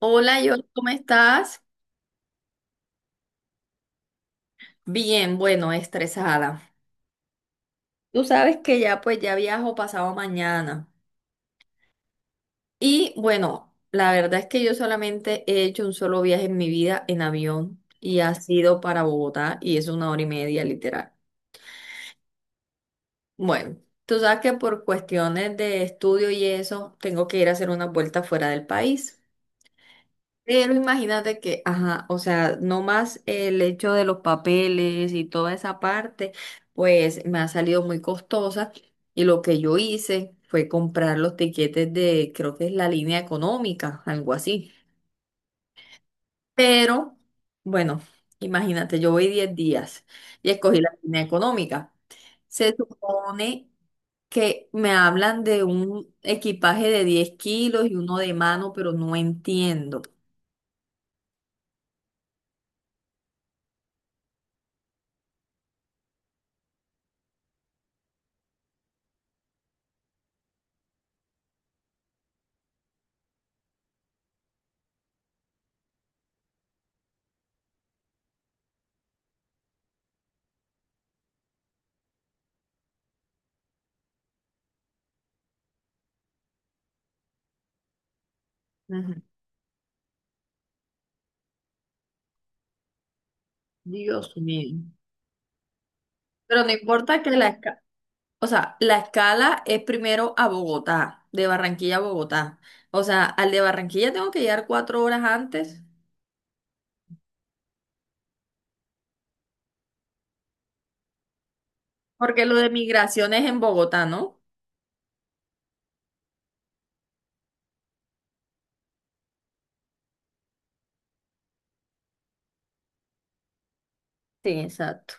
Hola, yo, ¿cómo estás? Bien, bueno, estresada. Tú sabes que ya pues ya viajo pasado mañana. Y bueno, la verdad es que yo solamente he hecho un solo viaje en mi vida en avión y ha sido para Bogotá y es 1 hora y media literal. Bueno, tú sabes que por cuestiones de estudio y eso, tengo que ir a hacer una vuelta fuera del país. Pero imagínate que, ajá, o sea, no más el hecho de los papeles y toda esa parte, pues me ha salido muy costosa y lo que yo hice fue comprar los tiquetes de, creo que es la línea económica, algo así. Pero, bueno, imagínate, yo voy 10 días y escogí la línea económica. Se supone que me hablan de un equipaje de 10 kilos y uno de mano, pero no entiendo. Dios mío. Pero no importa que la escala, o sea, la escala es primero a Bogotá, de Barranquilla a Bogotá. O sea, al de Barranquilla tengo que llegar 4 horas antes, porque lo de migración es en Bogotá, ¿no? Sí, exacto.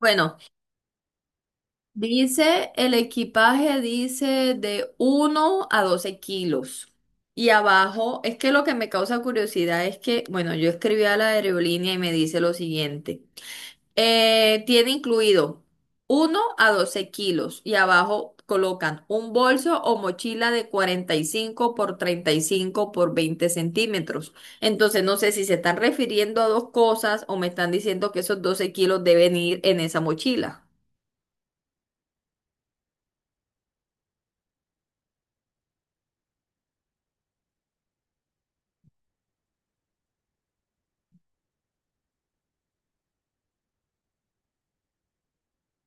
Bueno, dice el equipaje, dice de 1 a 12 kilos. Y abajo, es que lo que me causa curiosidad es que, bueno, yo escribí a la aerolínea y me dice lo siguiente. Tiene incluido 1 a 12 kilos y abajo colocan un bolso o mochila de 45 por 35 por 20 centímetros. Entonces no sé si se están refiriendo a dos cosas o me están diciendo que esos 12 kilos deben ir en esa mochila.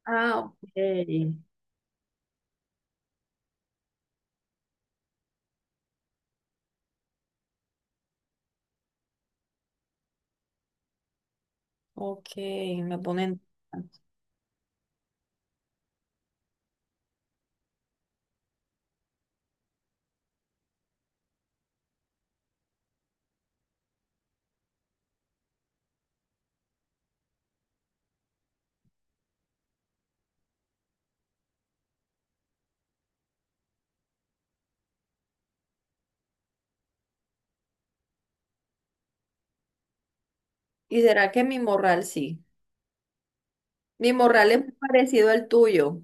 Ah, ok. Ok, me ponen. ¿Y será que mi morral sí? Mi morral es muy parecido al tuyo.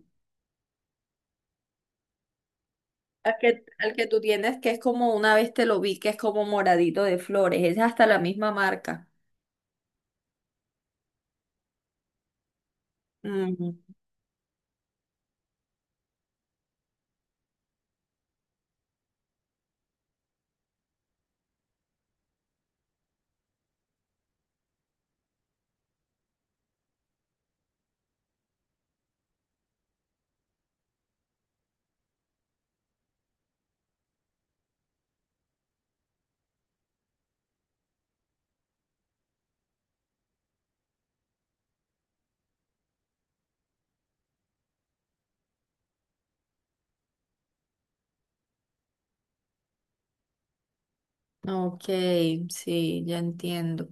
Al que tú tienes, que es como una vez te lo vi, que es como moradito de flores, es hasta la misma marca. Mm, ok, sí, ya entiendo.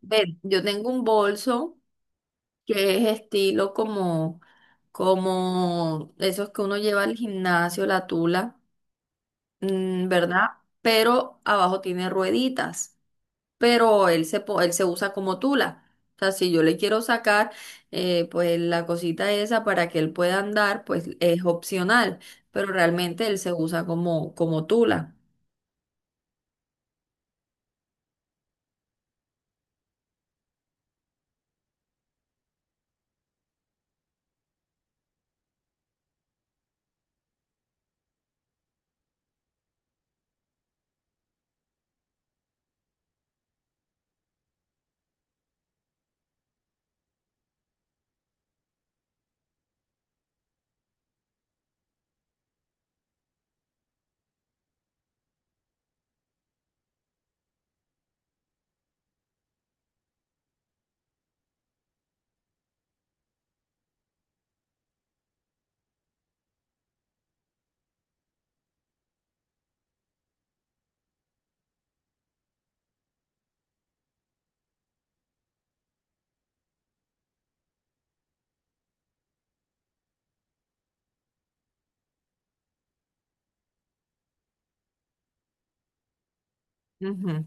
Ven, yo tengo un bolso que es estilo como esos que uno lleva al gimnasio, la tula, ¿verdad? Pero abajo tiene rueditas. Pero él se usa como tula. O sea, si yo le quiero sacar, pues la cosita esa para que él pueda andar, pues es opcional, pero realmente él se usa como tula. Ujú.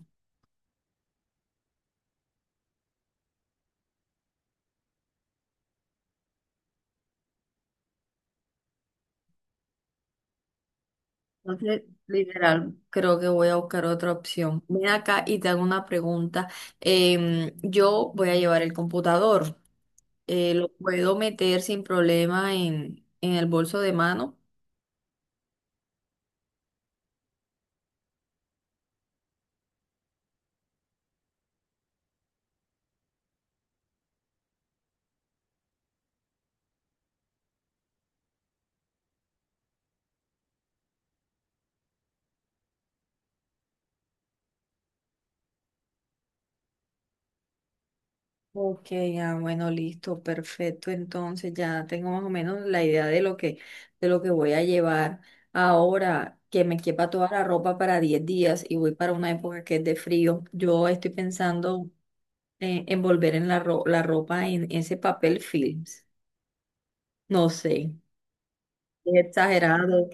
Entonces, literal, creo que voy a buscar otra opción. Ven acá y te hago una pregunta. Yo voy a llevar el computador. ¿Lo puedo meter sin problema en el bolso de mano? Ok, ah, bueno, listo, perfecto. Entonces ya tengo más o menos la idea de lo que voy a llevar ahora, que me quepa toda la ropa para 10 días y voy para una época que es de frío. Yo estoy pensando en envolver la ropa en ese papel films. No sé, es exagerado.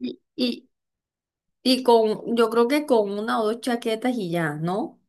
Y, y, y yo creo que con una o dos chaquetas y ya, ¿no?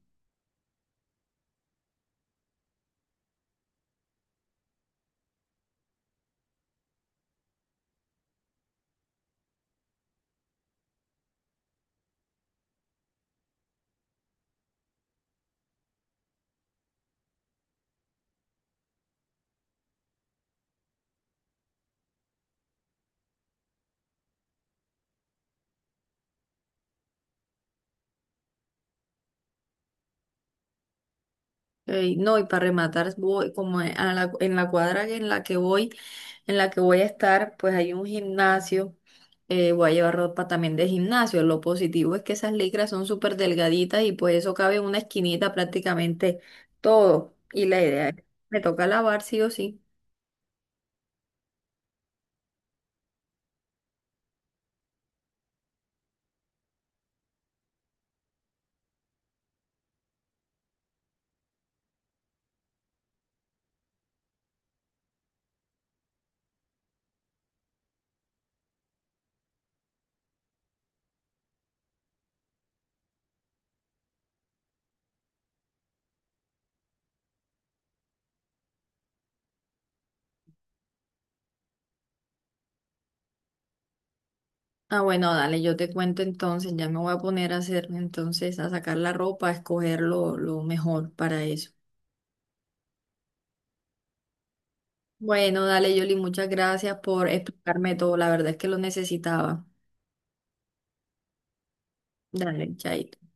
Ey, no, y para rematar, voy en la cuadra en la que voy a estar, pues hay un gimnasio, voy a llevar ropa también de gimnasio. Lo positivo es que esas licras son súper delgaditas y pues eso cabe en una esquinita prácticamente todo. Y la idea es, me toca lavar sí o sí. Ah, bueno, dale, yo te cuento entonces, ya me voy a poner a hacer entonces, a sacar la ropa, a escoger lo mejor para eso. Bueno, dale, Yoli, muchas gracias por explicarme todo, la verdad es que lo necesitaba. Dale, ya.